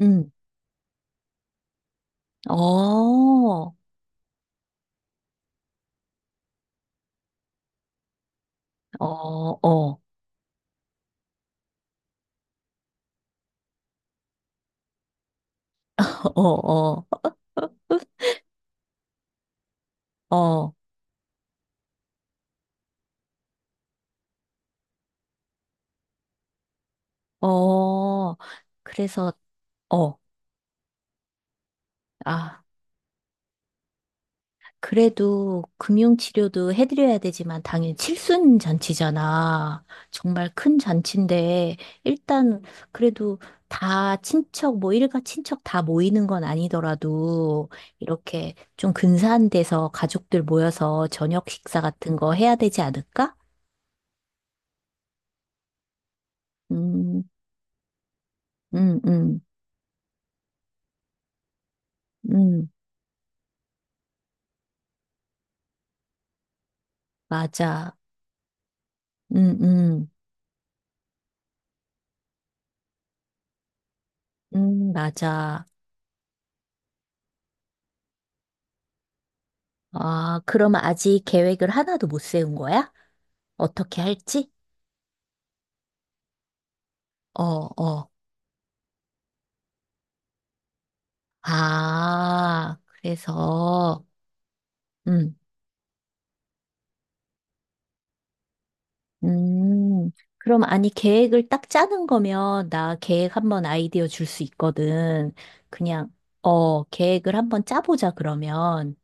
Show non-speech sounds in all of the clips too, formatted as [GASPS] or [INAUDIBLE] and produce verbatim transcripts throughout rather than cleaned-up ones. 음. 어, 어, 어, [LAUGHS] 어, 어, 어, 어. 그래서, 어, 아, 그래도 금융치료도 해드려야 되지만 당연히 칠순 잔치잖아. 정말 큰 잔치인데, 일단 그래도 다 친척, 뭐 일가 친척 다 모이는 건 아니더라도, 이렇게 좀 근사한 데서 가족들 모여서 저녁 식사 같은 거 해야 되지 않을까? 음, 음, 음. 음. 맞아. 음, 음, 음, 맞아. 아, 그럼 아직 계획을 하나도 못 세운 거야? 어떻게 할지? 어, 어. 아, 그래서, 음, 음. 그럼 아니, 계획을 딱 짜는 거면 나 계획 한번 아이디어 줄 수 있거든. 그냥, 어, 계획을 한번 짜보자, 그러면.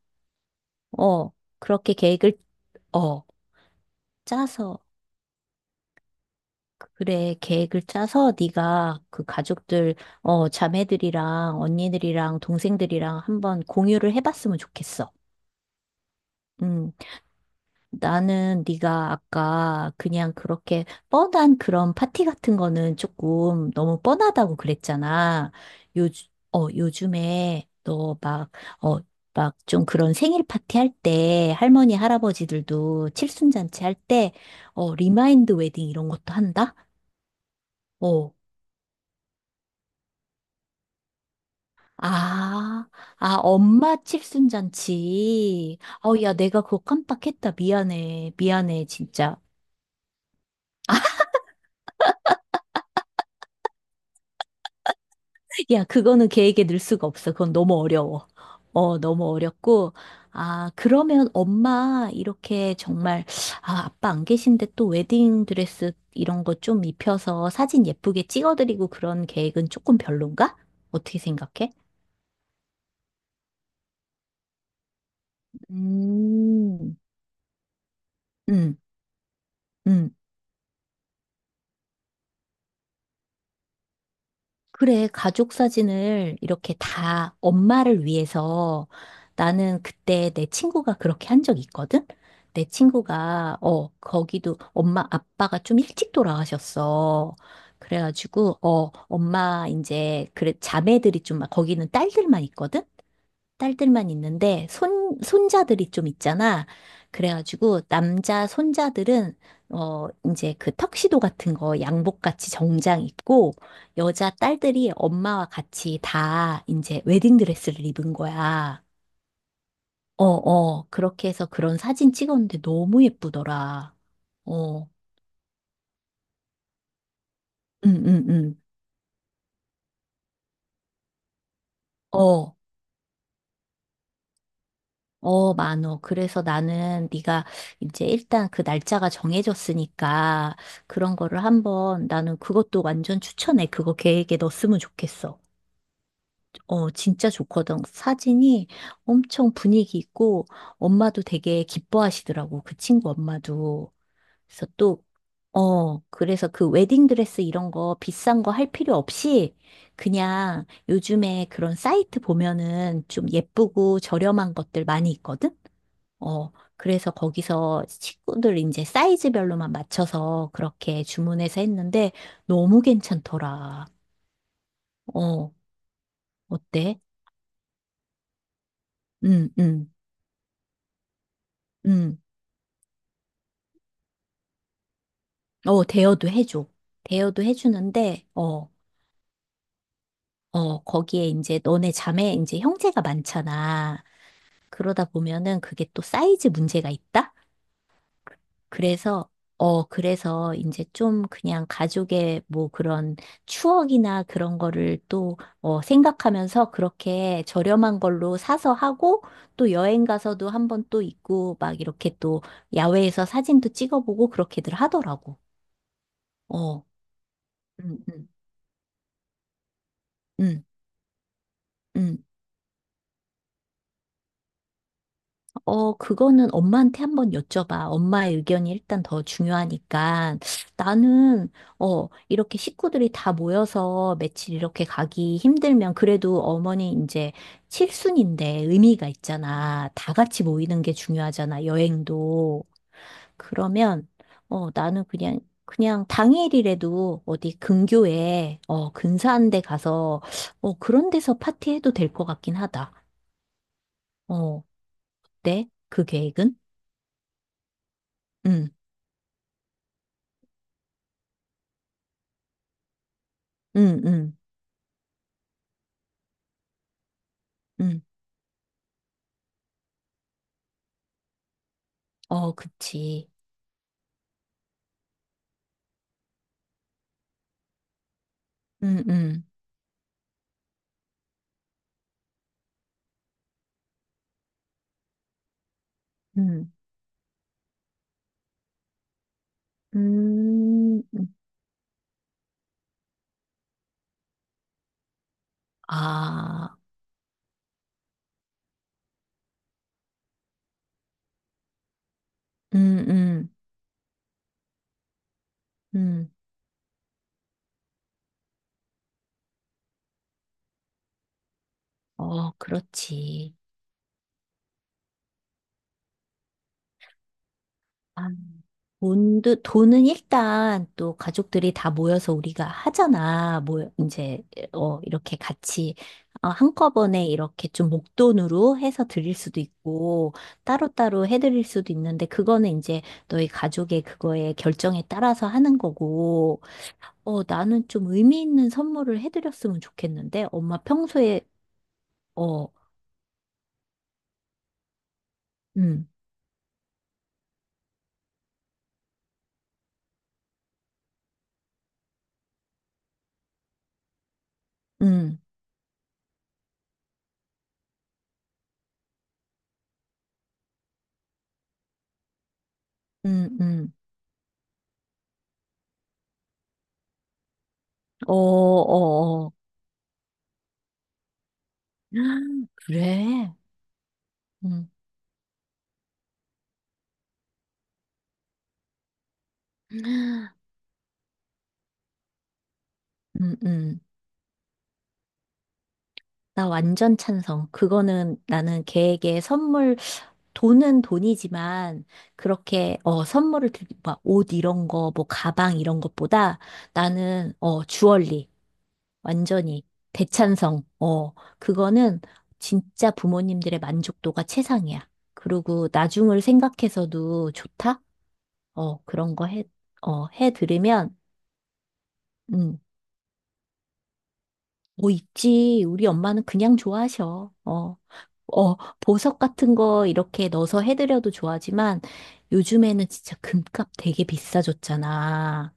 어, 그렇게 계획을, 어, 짜서. 그래, 계획을 짜서 네가 그 가족들, 어, 자매들이랑 언니들이랑 동생들이랑 한번 공유를 해봤으면 좋겠어. 음, 나는 네가 아까 그냥 그렇게 뻔한 그런 파티 같은 거는 조금 너무 뻔하다고 그랬잖아. 요즘, 어, 요즘에 너 막, 어, 막 좀 그런 생일 파티 할 때, 할머니, 할아버지들도 칠순잔치 할 때, 어, 리마인드 웨딩 이런 것도 한다? 어, 아, 아, 엄마 칠순잔치. 어, 야, 내가 그거 깜빡했다. 미안해. 미안해, 진짜. 야, 그거는 계획에 넣을 수가 없어. 그건 너무 어려워. 어, 너무 어렵고. 아, 그러면 엄마, 이렇게 정말, 아, 아빠 안 계신데 또 웨딩 드레스 이런 거 좀 입혀서 사진 예쁘게 찍어드리고 그런 계획은 조금 별론가? 어떻게 생각해? 음, 음, 음. 그래, 가족 사진을 이렇게 다 엄마를 위해서 나는 그때 내 친구가 그렇게 한 적 있거든? 내 친구가, 어, 거기도 엄마, 아빠가 좀 일찍 돌아가셨어. 그래가지고, 어, 엄마, 이제, 그래, 자매들이 좀, 막- 거기는 딸들만 있거든? 딸들만 있는데 손 손자들이 좀 있잖아. 그래가지고 남자 손자들은 어 이제 그 턱시도 같은 거 양복 같이 정장 입고 여자 딸들이 엄마와 같이 다 이제 웨딩드레스를 입은 거야. 어, 어. 그렇게 해서 그런 사진 찍었는데 너무 예쁘더라. 어. 응, 응, 응. 어. 어, 많어. 그래서 나는 네가 이제 일단 그 날짜가 정해졌으니까 그런 거를 한번 나는 그것도 완전 추천해. 그거 계획에 넣었으면 좋겠어. 어, 진짜 좋거든. 사진이 엄청 분위기 있고 엄마도 되게 기뻐하시더라고. 그 친구 엄마도. 그래서 또 어, 그래서 그 웨딩드레스 이런 거 비싼 거 할 필요 없이 그냥 요즘에 그런 사이트 보면은 좀 예쁘고 저렴한 것들 많이 있거든? 어, 그래서 거기서 식구들 이제 사이즈별로만 맞춰서 그렇게 주문해서 했는데 너무 괜찮더라. 어, 어때? 응, 응, 응. 어, 대여도 해줘. 대여도 해주는데, 어, 어, 거기에 이제 너네 자매, 이제 형제가 많잖아. 그러다 보면은 그게 또 사이즈 문제가 있다? 그래서, 어, 그래서 이제 좀 그냥 가족의 뭐 그런 추억이나 그런 거를 또, 어, 생각하면서 그렇게 저렴한 걸로 사서 하고 또 여행 가서도 한번 또 있고 막 이렇게 또 야외에서 사진도 찍어보고 그렇게들 하더라고. 어, 음, 음, 음, 음. 어, 그거는 엄마한테 한번 여쭤봐. 엄마의 의견이 일단 더 중요하니까. 나는, 어, 이렇게 식구들이 다 모여서 며칠 이렇게 가기 힘들면 그래도 어머니 이제 칠순인데 의미가 있잖아. 다 같이 모이는 게 중요하잖아. 여행도. 그러면, 어, 나는 그냥, 그냥 당일이라도 어디 근교에, 어, 근사한 데 가서, 어, 그런 데서 파티해도 될 것 같긴 하다. 어, 네? 그 계획은? 응. 응, 응, 응. 어, 그치. 응, 응, 응. 음, 음. 아, 응, 응, 응. 어, 그렇지. 아, 돈도, 돈은 일단 또 가족들이 다 모여서 우리가 하잖아. 뭐, 이제, 어, 이렇게 같이, 어, 한꺼번에 이렇게 좀 목돈으로 해서 드릴 수도 있고, 따로따로 해드릴 수도 있는데, 그거는 이제 너희 가족의 그거에 결정에 따라서 하는 거고, 어, 나는 좀 의미 있는 선물을 해드렸으면 좋겠는데, 엄마 평소에, 어, 음, 음, 음, 음, 어, 어, 어. [GASPS] 그래. 음, [GASPS] 음, 음. 나 완전 찬성. 그거는 나는 걔에게 선물, 돈은 돈이지만, 그렇게, 어, 선물을 드리, 막, 옷 이런 거, 뭐, 가방 이런 것보다 나는, 어, 주얼리. 완전히 대찬성. 어, 그거는 진짜 부모님들의 만족도가 최상이야. 그리고 나중을 생각해서도 좋다? 어, 그런 거 해, 어, 해 들으면, 음, 뭐 있지. 우리 엄마는 그냥 좋아하셔. 어, 어, 보석 같은 거 이렇게 넣어서 해드려도 좋아하지만 요즘에는 진짜 금값 되게 비싸졌잖아.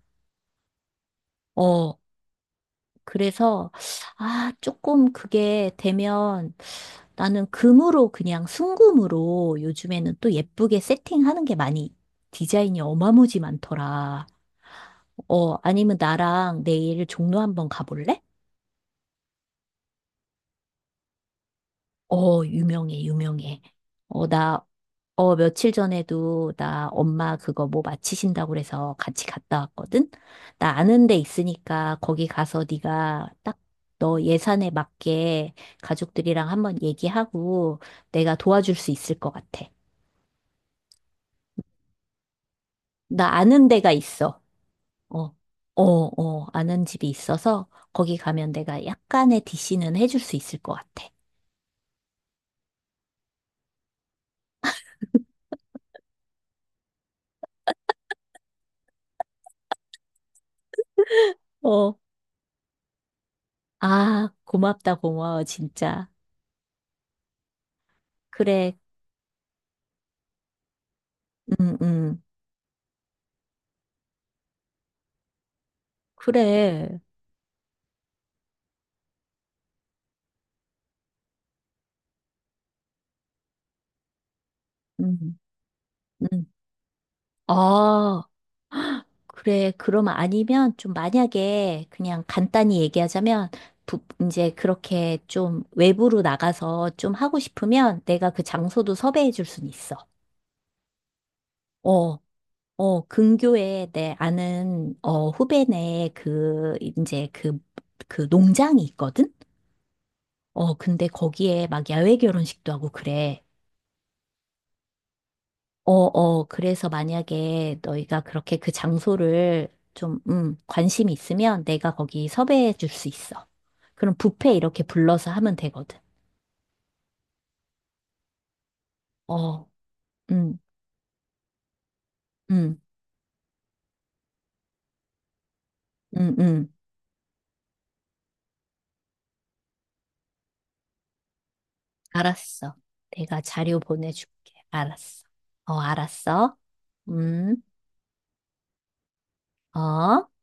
어, 그래서, 아, 조금 그게 되면 나는 금으로 그냥 순금으로 요즘에는 또 예쁘게 세팅하는 게 많이 디자인이 어마무지 많더라. 어, 아니면 나랑 내일 종로 한번 가볼래? 어, 유명해, 유명해. 어, 나, 어, 며칠 전에도 나 엄마 그거 뭐 마치신다고 그래서 같이 갔다 왔거든? 나 아는 데 있으니까 거기 가서 네가 딱 너 예산에 맞게 가족들이랑 한번 얘기하고 내가 도와줄 수 있을 것 같아. 나 아는 데가 있어. 어, 어, 어, 아는 집이 있어서 거기 가면 내가 약간의 디씨는 해줄 수 있을 것 같아. 어, 아, 고맙다, 고마워, 진짜. 그래, 음, 음, 그래, 음, 음. 아, 그래, 그러면 아니면 좀 만약에 그냥 간단히 얘기하자면 부, 이제 그렇게 좀 외부로 나가서 좀 하고 싶으면 내가 그 장소도 섭외해 줄 순 있어. 어, 어, 근교에 내 아는 어 후배네 그 이제 그 그 농장이 있거든. 어, 근데 거기에 막 야외 결혼식도 하고 그래. 어, 어, 그래서 만약에 너희가 그렇게 그 장소를 좀 음, 관심이 있으면 내가 거기 섭외해 줄 수 있어. 그럼 뷔페 이렇게 불러서 하면 되거든. 어, 음, 음, 음, 음. 알았어. 내가 자료 보내줄게. 알았어. 어, 알았어. 음, 어.